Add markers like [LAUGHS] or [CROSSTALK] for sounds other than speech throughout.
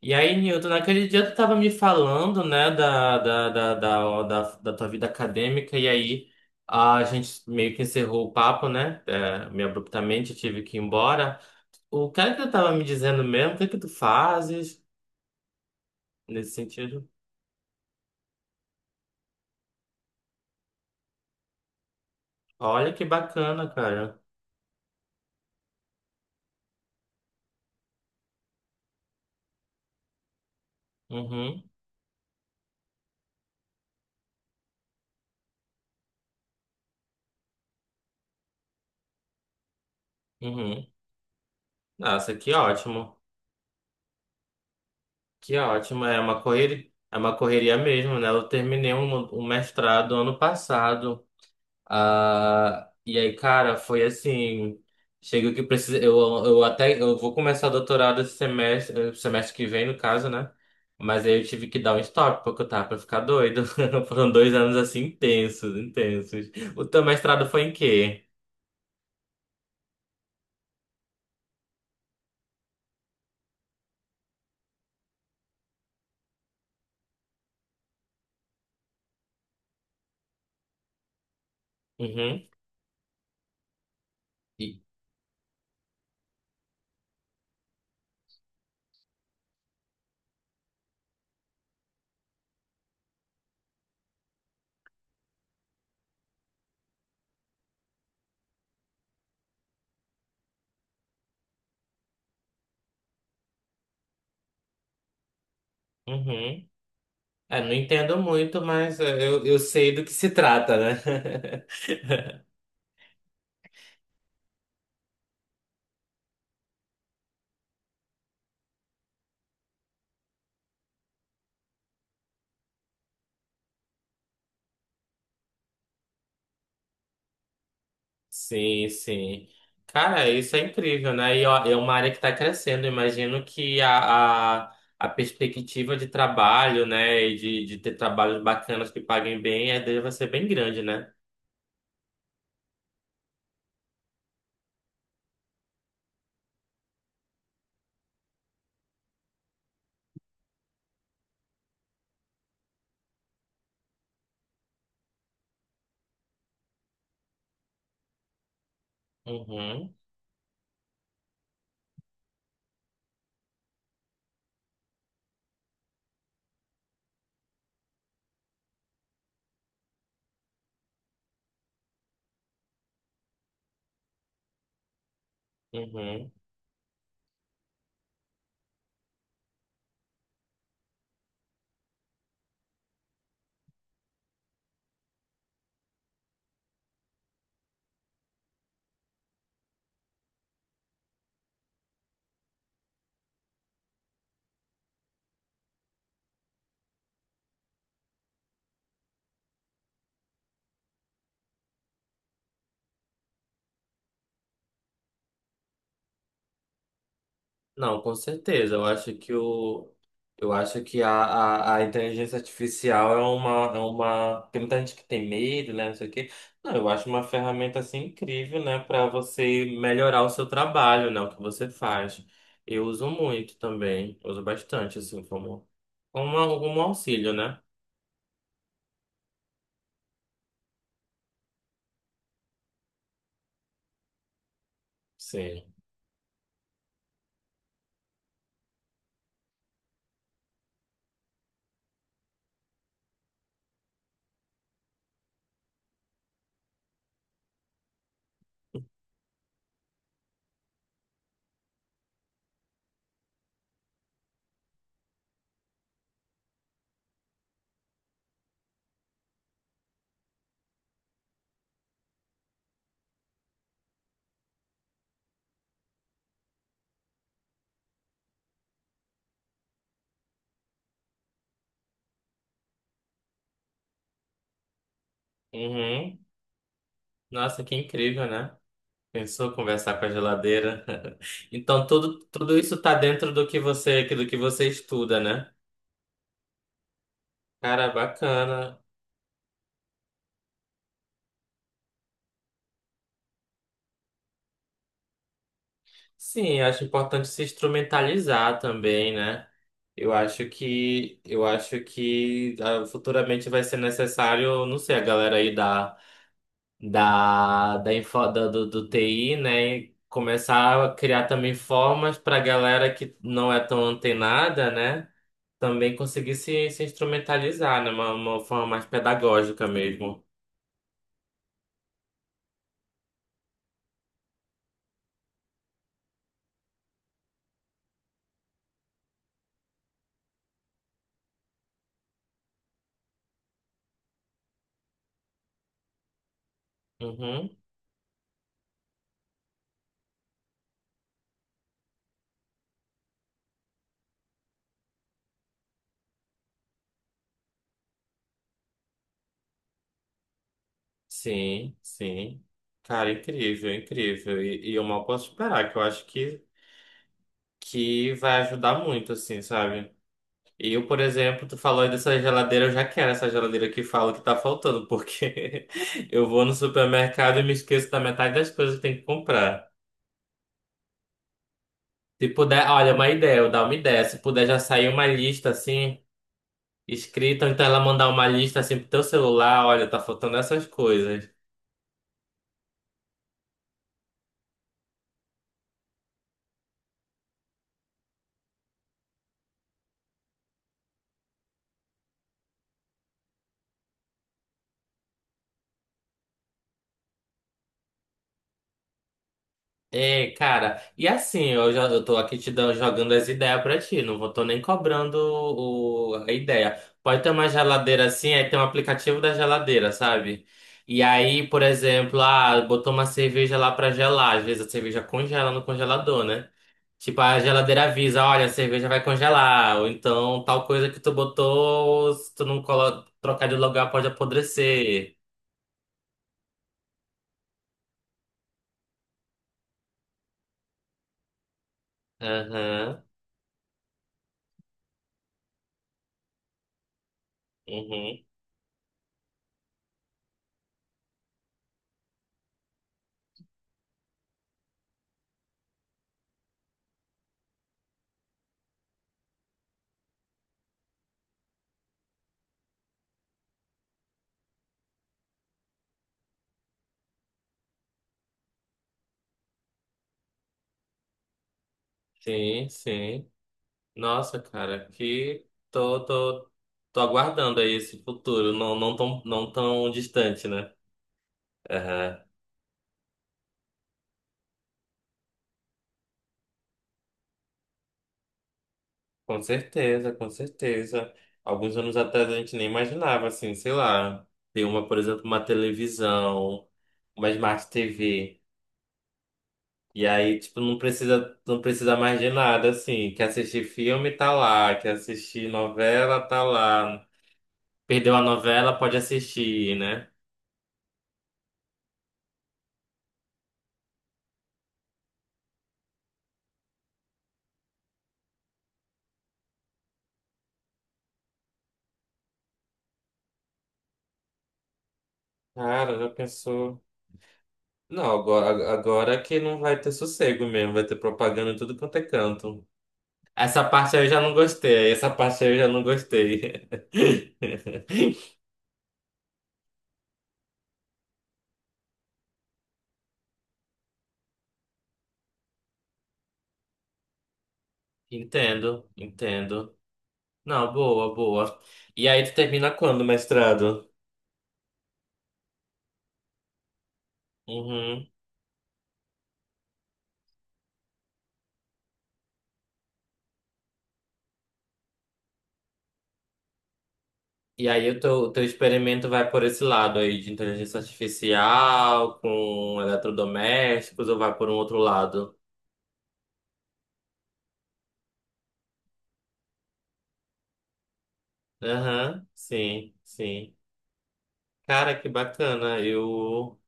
E aí, Newton, naquele dia tu tava me falando, né, da tua vida acadêmica, e aí a gente meio que encerrou o papo, né? É, meio abruptamente, eu tive que ir embora. O que é que tu tava me dizendo mesmo? O que é que tu fazes nesse sentido? Olha que bacana, cara. Uhum, uhum. Nossa, que ótimo. Que ótimo. É uma correria mesmo, né? Eu terminei um mestrado ano passado. Ah, e aí, cara, foi assim. Chega que precisa. Eu vou começar o doutorado esse semestre, semestre que vem, no caso, né? Mas aí eu tive que dar um stop, porque eu tava pra ficar doido. [LAUGHS] Foram dois anos assim intensos, intensos. O teu mestrado foi em quê? Uhum. E- uhum. É, não entendo muito, mas eu sei do que se trata, né? [LAUGHS] Sim, sim. Cara, isso é incrível, né? E ó, é uma área que está crescendo. Imagino que a perspectiva de trabalho, né, e de ter trabalhos bacanas que paguem bem, a ideia vai ser bem grande, né? Uhum, uhum. Não, com certeza. Eu acho que o, eu acho que a inteligência artificial é uma, é uma. Tem muita gente que tem medo, né? Não sei o quê. Não, eu acho uma ferramenta assim incrível, né? Para você melhorar o seu trabalho, né? O que você faz. Eu uso muito também. Uso bastante, assim, como, como algum auxílio, né? Sim. Uhum. Nossa, que incrível, né? Pensou conversar com a geladeira? [LAUGHS] Então, tudo, tudo isso tá dentro do que você estuda, né? Cara, bacana. Sim, acho importante se instrumentalizar também, né? Eu acho que futuramente vai ser necessário, não sei, a galera aí da da da, info, da- do, do TI, né, começar a criar também formas para a galera que não é tão antenada, né, também conseguir se instrumentalizar, né, uma forma mais pedagógica mesmo. Uhum. Sim, sim. Cara, incrível, incrível. E eu mal posso esperar, que eu acho que vai ajudar muito, assim, sabe? E eu, por exemplo, tu falou aí dessa geladeira, eu já quero essa geladeira que fala que tá faltando, porque [LAUGHS] eu vou no supermercado e me esqueço da metade das coisas que tem que comprar. Se puder, olha, uma ideia, eu dar uma ideia. Se puder já sair uma lista, assim, escrita, ou então ela mandar uma lista, assim, pro teu celular, olha, tá faltando essas coisas. É, cara, e assim, eu já eu tô aqui te dando, jogando as ideias pra ti, não vou, tô nem cobrando o, a ideia. Pode ter uma geladeira assim, aí tem um aplicativo da geladeira, sabe? E aí, por exemplo, botou uma cerveja lá pra gelar, às vezes a cerveja congela no congelador, né? Tipo, a geladeira avisa, olha, a cerveja vai congelar, ou então tal coisa que tu botou, se tu não colo trocar de lugar pode apodrecer. Aham, uhum, sim, sim. Nossa, cara, que tô, tô, tô aguardando aí esse futuro, não tão distante, né? Aham. Com certeza, com certeza. Alguns anos atrás a gente nem imaginava, assim, sei lá, ter uma, por exemplo, uma televisão, uma Smart TV. E aí, tipo, não precisa mais de nada, assim. Quer assistir filme, tá lá. Quer assistir novela, tá lá. Perdeu a novela, pode assistir, né? Cara, já pensou? Não, agora que não vai ter sossego mesmo, vai ter propaganda em tudo quanto é canto. Essa parte aí eu já não gostei, essa parte aí eu já não gostei. [LAUGHS] Entendo, entendo. Não, boa, boa. E aí tu termina quando, mestrado? Uhum. E aí o teu experimento vai por esse lado aí de inteligência artificial, com eletrodomésticos, ou vai por um outro lado? Aham, sim, sim. Cara, que bacana. Eu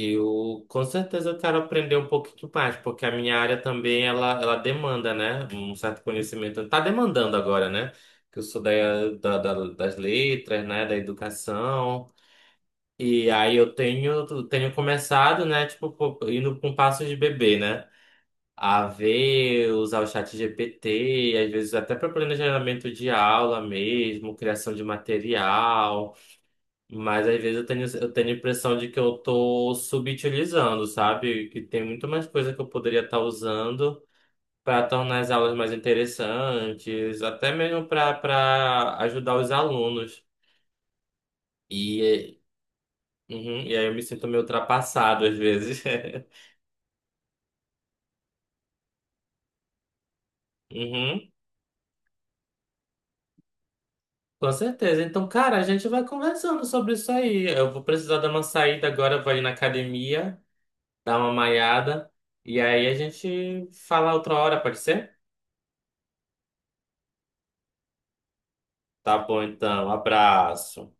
Eu com certeza eu quero aprender um pouquinho mais, porque a minha área também ela demanda, né? Um certo conhecimento. Tá demandando agora, né? Que eu sou das letras, né? Da educação. E aí tenho começado, né? Tipo, pô, indo com passos de bebê, né? A ver, usar o chat GPT, às vezes até para planejamento de aula mesmo, criação de material. Mas às vezes eu tenho a impressão de que eu tô subutilizando, sabe? Que tem muito mais coisa que eu poderia estar usando para tornar as aulas mais interessantes, até mesmo para ajudar os alunos. E, uhum, e aí eu me sinto meio ultrapassado às vezes. [LAUGHS] Uhum, com certeza. Então, cara, a gente vai conversando sobre isso aí. Eu vou precisar dar uma saída agora, eu vou ir na academia, dar uma malhada, e aí a gente fala outra hora, pode ser? Tá bom, então. Abraço.